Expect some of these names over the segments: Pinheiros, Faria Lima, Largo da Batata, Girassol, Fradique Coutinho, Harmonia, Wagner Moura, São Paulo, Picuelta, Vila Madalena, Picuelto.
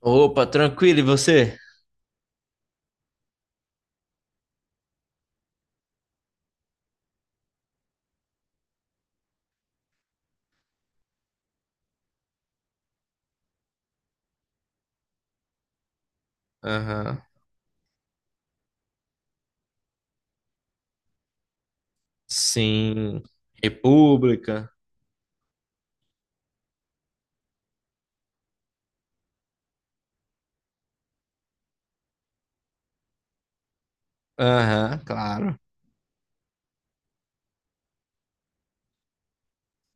Opa, tranquilo, e você? Aham. Sim, República. Aham, claro.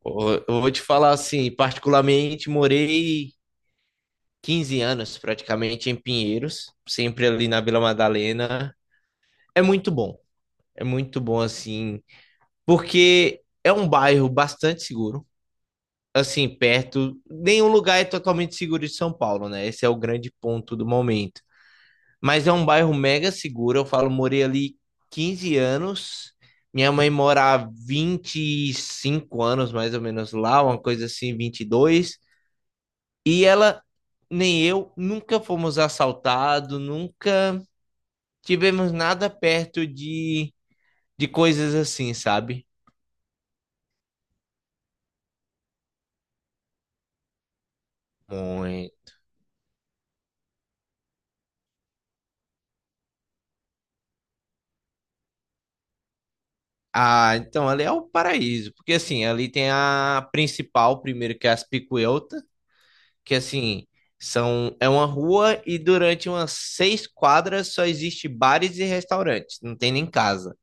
Pô, eu vou te falar assim, particularmente morei 15 anos praticamente em Pinheiros, sempre ali na Vila Madalena. É muito bom, é muito bom assim, porque é um bairro bastante seguro, assim, perto, nenhum lugar é totalmente seguro de São Paulo, né? Esse é o grande ponto do momento. Mas é um bairro mega seguro. Eu falo, morei ali 15 anos. Minha mãe mora há vinte e cinco anos, mais ou menos, lá, uma coisa assim, 22. E ela, nem eu, nunca fomos assaltados, nunca tivemos nada perto de coisas assim, sabe? Muito. Ah, então ali é o paraíso. Porque assim, ali tem a principal, primeiro, que é as Picuelta, que assim, são, é uma rua, e durante umas seis quadras só existe bares e restaurantes, não tem nem casa.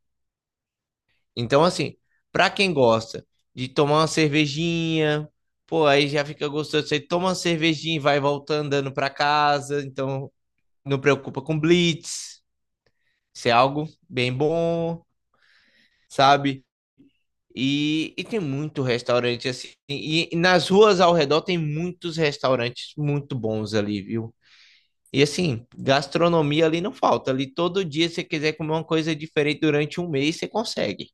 Então, assim, para quem gosta de tomar uma cervejinha, pô, aí já fica gostoso, você toma uma cervejinha e vai voltando andando para casa, então não preocupa com blitz, isso é algo bem bom, sabe? E tem muito restaurante assim, e nas ruas ao redor tem muitos restaurantes muito bons ali, viu? E assim, gastronomia ali não falta. Ali todo dia, se você quiser comer uma coisa diferente durante um mês, você consegue.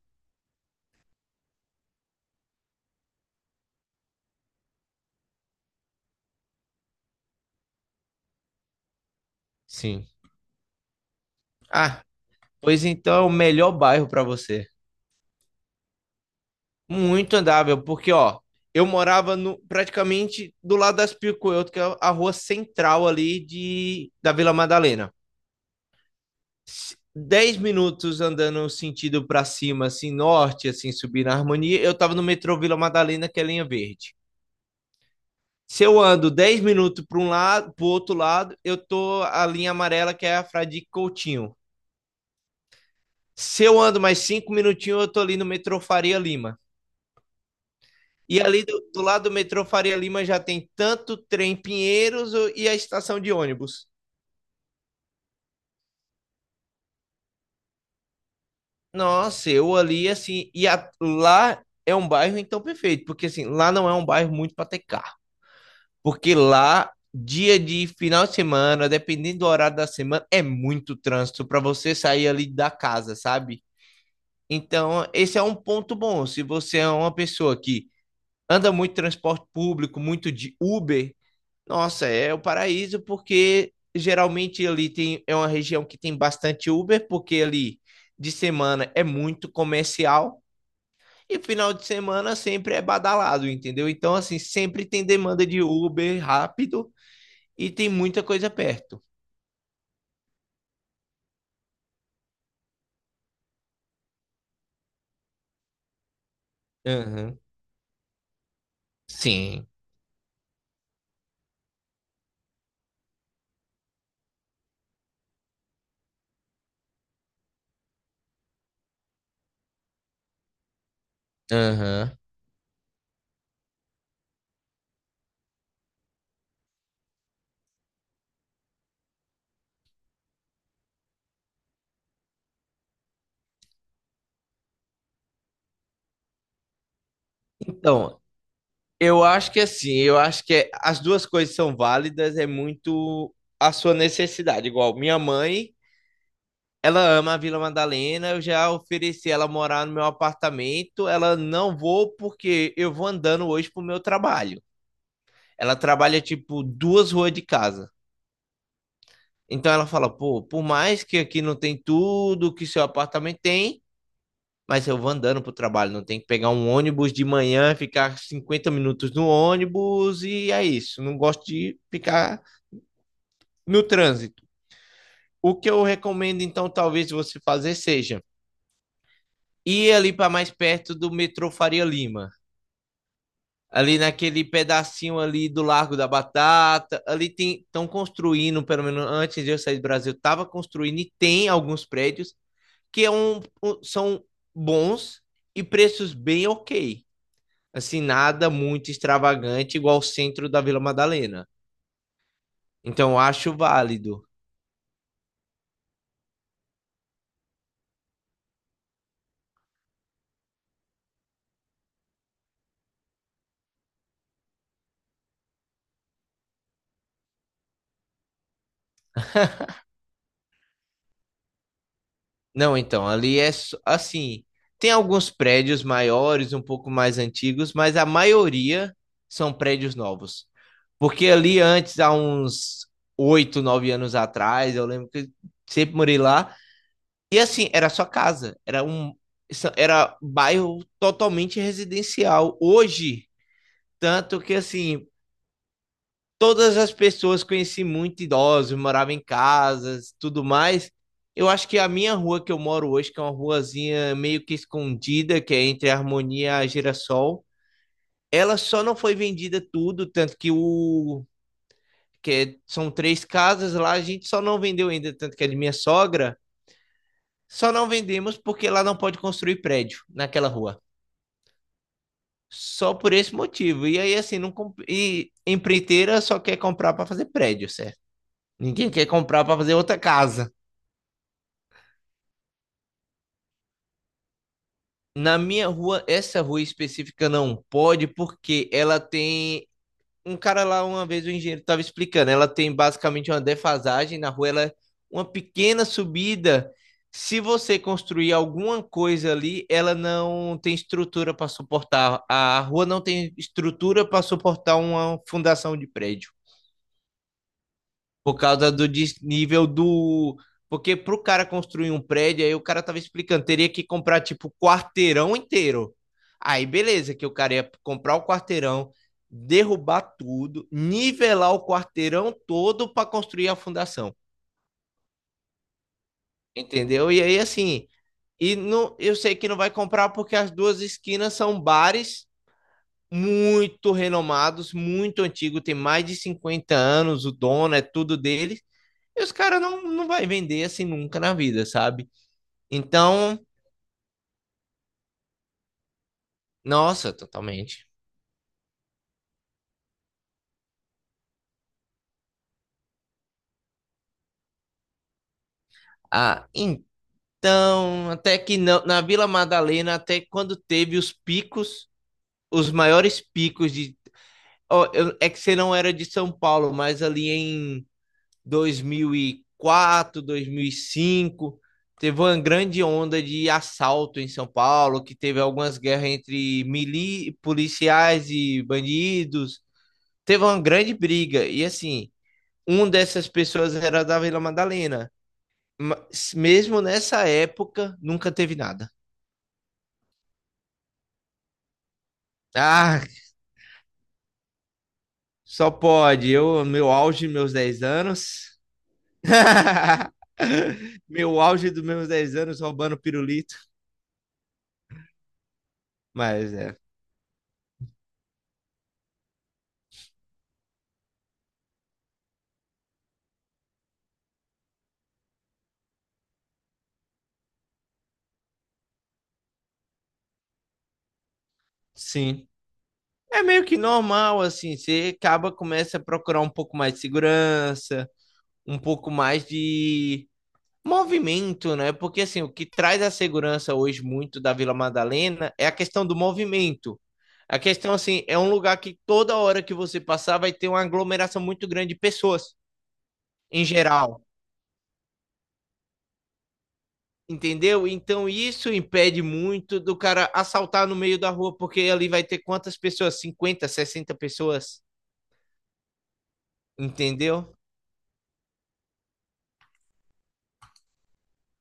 Sim. Ah, pois então é o melhor bairro para você. Muito andável, porque ó, eu morava no, praticamente do lado das Picuelto, que é a rua central ali da Vila Madalena. 10 minutos andando sentido para cima, assim, norte, assim, subir na harmonia, eu tava no metrô Vila Madalena, que é linha verde. Se eu ando 10 minutos para um lado, para o outro lado, eu tô a linha amarela, que é a Fradique Coutinho. Se eu ando mais 5 minutinhos, eu tô ali no metrô Faria Lima. E ali do lado do metrô Faria Lima já tem tanto trem Pinheiros e a estação de ônibus. Nossa, eu ali assim, e lá é um bairro então perfeito, porque assim, lá não é um bairro muito para ter carro, porque lá dia de final de semana, dependendo do horário da semana, é muito trânsito para você sair ali da casa, sabe? Então, esse é um ponto bom. Se você é uma pessoa que anda muito transporte público, muito de Uber, nossa, é o paraíso, porque geralmente ali tem, é uma região que tem bastante Uber, porque ali de semana é muito comercial e final de semana sempre é badalado, entendeu? Então, assim, sempre tem demanda de Uber rápido e tem muita coisa perto. Aham. Sim. Aham. Então, eu acho que assim, eu acho que as duas coisas são válidas, é muito a sua necessidade. Igual minha mãe, ela ama a Vila Madalena, eu já ofereci ela morar no meu apartamento, ela não vou porque eu vou andando hoje pro meu trabalho. Ela trabalha tipo duas ruas de casa. Então ela fala, pô, por mais que aqui não tem tudo que seu apartamento tem, mas eu vou andando pro trabalho, não tem que pegar um ônibus de manhã, ficar 50 minutos no ônibus e é isso. Não gosto de ficar no trânsito. O que eu recomendo, então, talvez você fazer seja ir ali para mais perto do metrô Faria Lima. Ali naquele pedacinho ali do Largo da Batata, ali estão construindo, pelo menos antes de eu sair do Brasil, estava construindo, e tem alguns prédios que é um, são bons e preços bem ok. Assim, nada muito extravagante, igual o centro da Vila Madalena. Então, eu acho válido. Não, então, ali é assim, tem alguns prédios maiores, um pouco mais antigos, mas a maioria são prédios novos. Porque ali antes, há uns 8, 9 anos atrás, eu lembro que sempre morei lá. E assim, era só casa, era era bairro totalmente residencial. Hoje, tanto que assim, todas as pessoas conheci muito idosos, morava em casas, tudo mais. Eu acho que a minha rua que eu moro hoje, que é uma ruazinha meio que escondida, que é entre a Harmonia e a Girassol, ela só não foi vendida tudo, tanto que o são três casas lá, a gente só não vendeu ainda, tanto que é de minha sogra, só não vendemos porque lá não pode construir prédio naquela rua. Só por esse motivo. E aí assim, não comp... e empreiteira só quer comprar para fazer prédio, certo? Ninguém quer comprar para fazer outra casa. Na minha rua, essa rua específica não pode, porque ela tem. Um cara lá, uma vez, o engenheiro estava explicando, ela tem basicamente uma defasagem na rua, ela é uma pequena subida. Se você construir alguma coisa ali, ela não tem estrutura para suportar. A rua não tem estrutura para suportar uma fundação de prédio. Por causa do desnível do. Porque pro cara construir um prédio, aí o cara tava explicando, teria que comprar tipo quarteirão inteiro. Aí beleza, que o cara ia comprar o quarteirão, derrubar tudo, nivelar o quarteirão todo para construir a fundação. Entendeu? E aí assim, e não, eu sei que não vai comprar porque as duas esquinas são bares muito renomados, muito antigos, tem mais de 50 anos, o dono é tudo dele. E os caras não, não vai vender assim nunca na vida, sabe? Então, nossa, totalmente. Ah, então, até que não, na Vila Madalena, até quando teve os picos, os maiores picos de. Ó, é que você não era de São Paulo, mas ali em 2004, 2005, teve uma grande onda de assalto em São Paulo, que teve algumas guerras entre policiais e bandidos, teve uma grande briga. E assim, uma dessas pessoas era da Vila Madalena. Mas mesmo nessa época, nunca teve nada. Ah, só pode. Eu, meu auge, meus 10 anos. Meu auge dos meus 10 anos roubando pirulito. Mas é, sim. É meio que normal, assim. Você acaba, começa a procurar um pouco mais de segurança, um pouco mais de movimento, né? Porque assim, o que traz a segurança hoje muito da Vila Madalena é a questão do movimento. A questão assim, é um lugar que toda hora que você passar vai ter uma aglomeração muito grande de pessoas em geral, entendeu? Então isso impede muito do cara assaltar no meio da rua, porque ali vai ter quantas pessoas? 50, 60 pessoas, entendeu?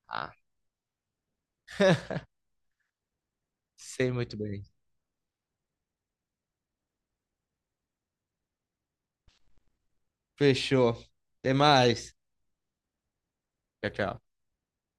Ah, sei muito bem. Fechou. Até mais. Tchau, tchau.